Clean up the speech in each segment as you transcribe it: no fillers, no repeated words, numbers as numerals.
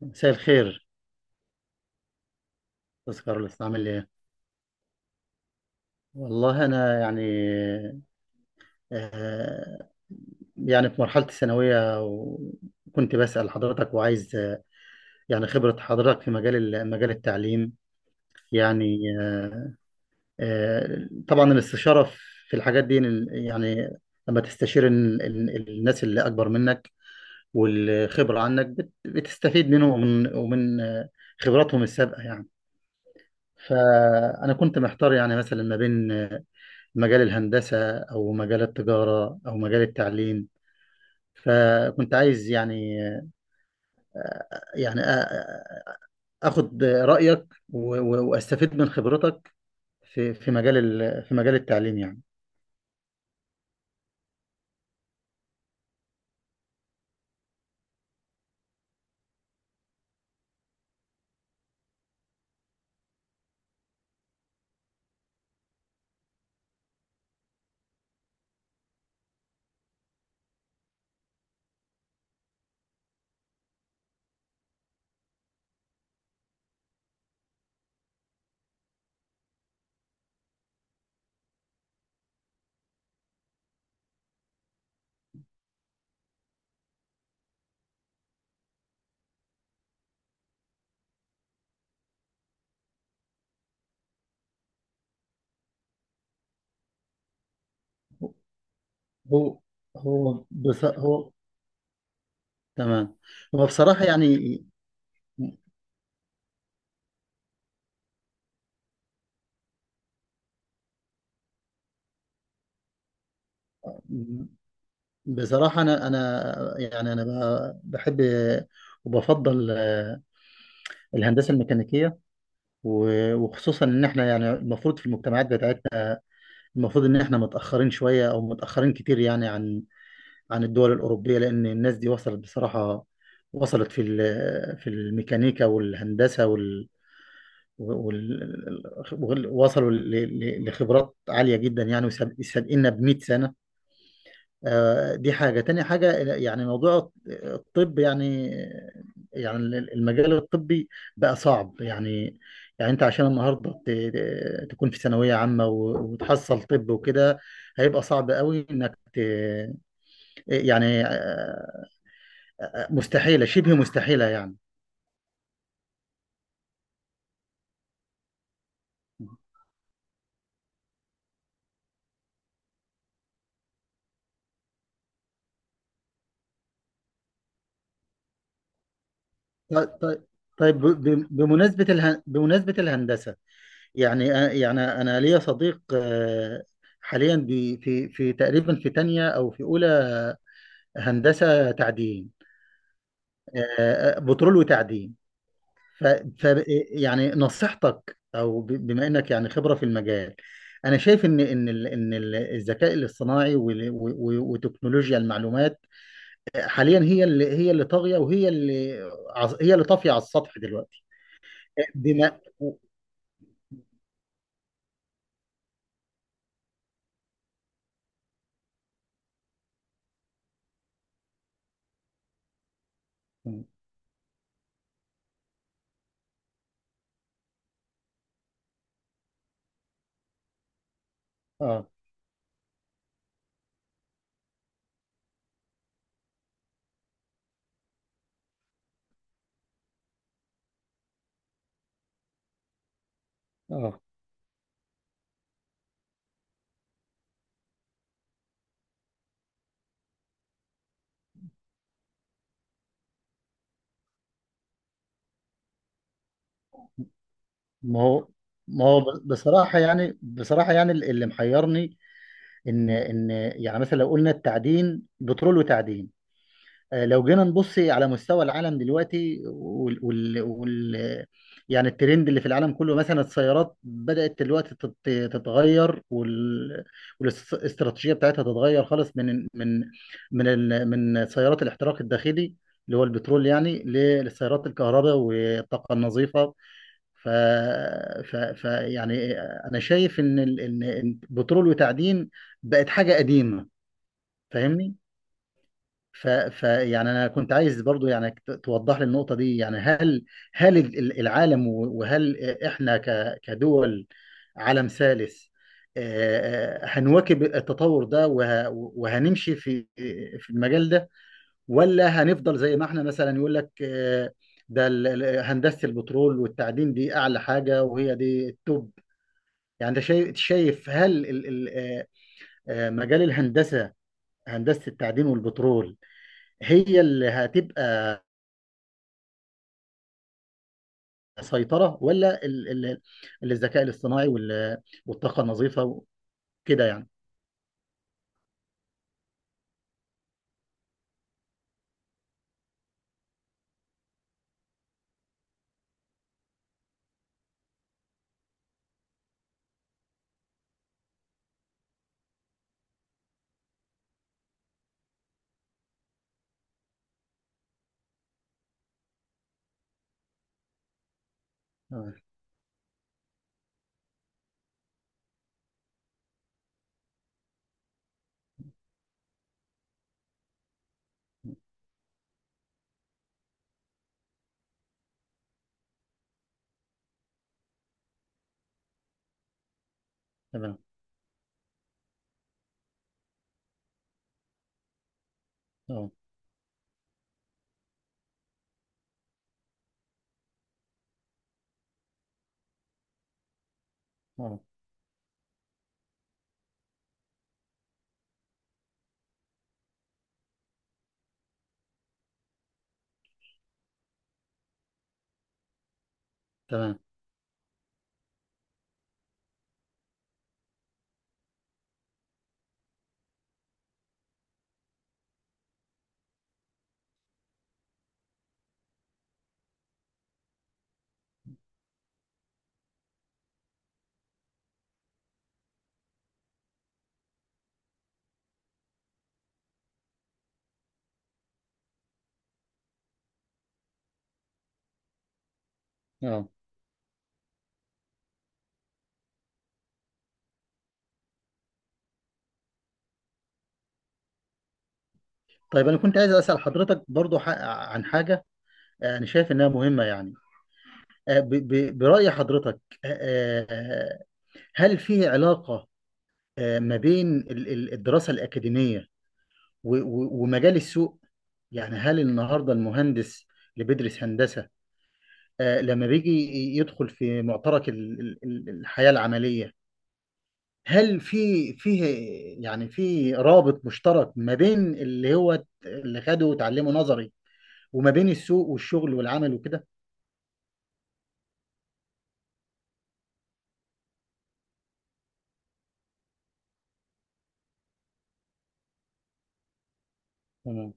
مساء الخير، أستاذ كارلوس، عامل إيه؟ والله أنا يعني، آه يعني في مرحلة الثانوية، وكنت بسأل حضرتك وعايز، يعني خبرة حضرتك في مجال مجال التعليم، يعني. طبعا الاستشارة في الحاجات دي، يعني، لما تستشير الناس اللي أكبر منك والخبرة عنك، بتستفيد منهم ومن خبراتهم السابقة يعني. فأنا كنت محتار، يعني مثلا ما بين مجال الهندسة أو مجال التجارة أو مجال التعليم. فكنت عايز، يعني يعني أ- أخد رأيك و- و- وأستفيد من خبرتك في مجال التعليم يعني. هو هو، بص، هو تمام. هو بصراحة، يعني بصراحة، أنا يعني أنا بحب وبفضل الهندسة الميكانيكية، و- وخصوصا إن إحنا، يعني المفروض في المجتمعات بتاعتنا، المفروض ان احنا متاخرين شويه او متاخرين كتير، يعني عن الدول الاوروبيه، لان الناس دي وصلت بصراحه، وصلت في الميكانيكا والهندسه، وال وصلوا لخبرات عاليه جدا يعني، وسابقنا ب 100 سنه. دي حاجة، تاني حاجة يعني موضوع الطب. يعني يعني المجال الطبي بقى صعب يعني. يعني انت عشان النهاردة تكون في ثانوية عامة و- وتحصل طب وكده، هيبقى صعب قوي انك يعني، مستحيلة، شبه مستحيلة يعني. طيب، طيب، طيب، بمناسبة بمناسبة الهندسة، يعني، يعني أنا ليا صديق، حاليا في تقريبا في تانية أو في أولى هندسة تعدين. بترول وتعدين. ف... ف... يعني نصيحتك، او بما انك يعني خبرة في المجال. انا شايف ان الذكاء الاصطناعي وال... و... و... وتكنولوجيا المعلومات، حاليا هي اللي، طاغية وهي اللي عز- هي اللي طافية على السطح دلوقتي. آه، بما اه اه ما هو ما هو بصراحة يعني، بصراحة يعني اللي محيرني، ان يعني مثلا لو قلنا التعدين، بترول وتعدين. لو جينا نبص على مستوى العالم دلوقتي، وال وال وال يعني الترند اللي في العالم كله، مثلا السيارات بدأت دلوقتي تتغير، وال- والاستراتيجية بتاعتها تتغير خالص، من من سيارات الاحتراق الداخلي اللي هو البترول، يعني للسيارات الكهرباء والطاقة النظيفة. ف, ف, ف يعني أنا شايف إن إن بترول وتعدين بقت حاجة قديمة. فاهمني؟ ف... ف يعني انا كنت عايز برضو، يعني توضح لي النقطه دي. يعني هل العالم و- وهل احنا كدول عالم ثالث، هنواكب التطور ده وه... وهنمشي في المجال ده؟ ولا هنفضل زي ما احنا، مثلا يقول لك، ده هندسه البترول والتعدين دي اعلى حاجه، وهي دي التوب. يعني انت شايف، هل مجال الهندسه، هندسه التعدين والبترول، هي اللي هتبقى سيطرة، ولا الذكاء الاصطناعي وال- والطاقة النظيفة وكده يعني. آه، تمام. اه. اه. تمام. اه. طيب، انا كنت عايز اسال حضرتك برضو، عن حاجه، انا شايف انها مهمه يعني. براي حضرتك، آه، آه، هل في علاقه ما بين الدراسه الاكاديميه و- و- ومجال السوق؟ يعني هل النهارده المهندس اللي بيدرس هندسه، لما بيجي يدخل في معترك الحياه العمليه، هل فيه، يعني، في رابط مشترك ما بين اللي هو اللي خده وتعلمه نظري، وما بين السوق والشغل والعمل وكده؟ مم.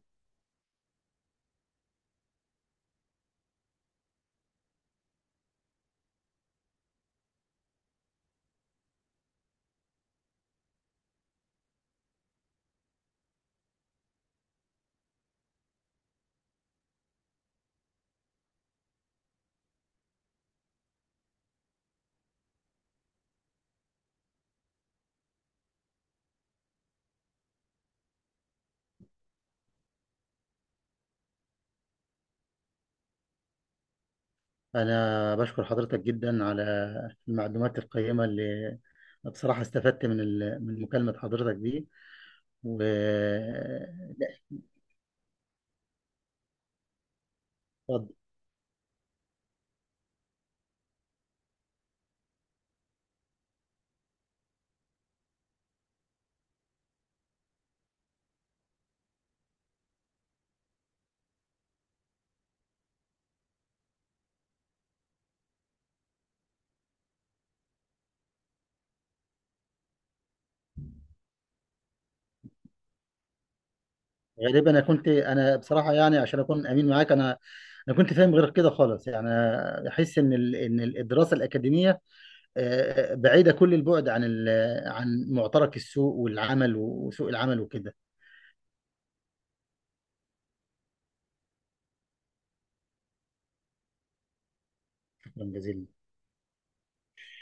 أنا بشكر حضرتك جدا على المعلومات القيمة اللي، بصراحة، استفدت من من مكالمة حضرتك دي و لا، اتفضل. غالبا أنا بصراحة، يعني عشان أكون أمين معاك، أنا كنت فاهم غير كده خالص، يعني أحس إن إن الدراسة الأكاديمية بعيدة كل البعد عن عن معترك السوق والعمل، وسوق العمل وكده. شكرا جزيلا،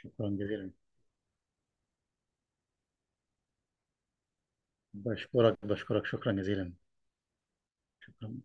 شكرا جزيلا، بشكرك، بشكرك، شكرا جزيلا، شكرا.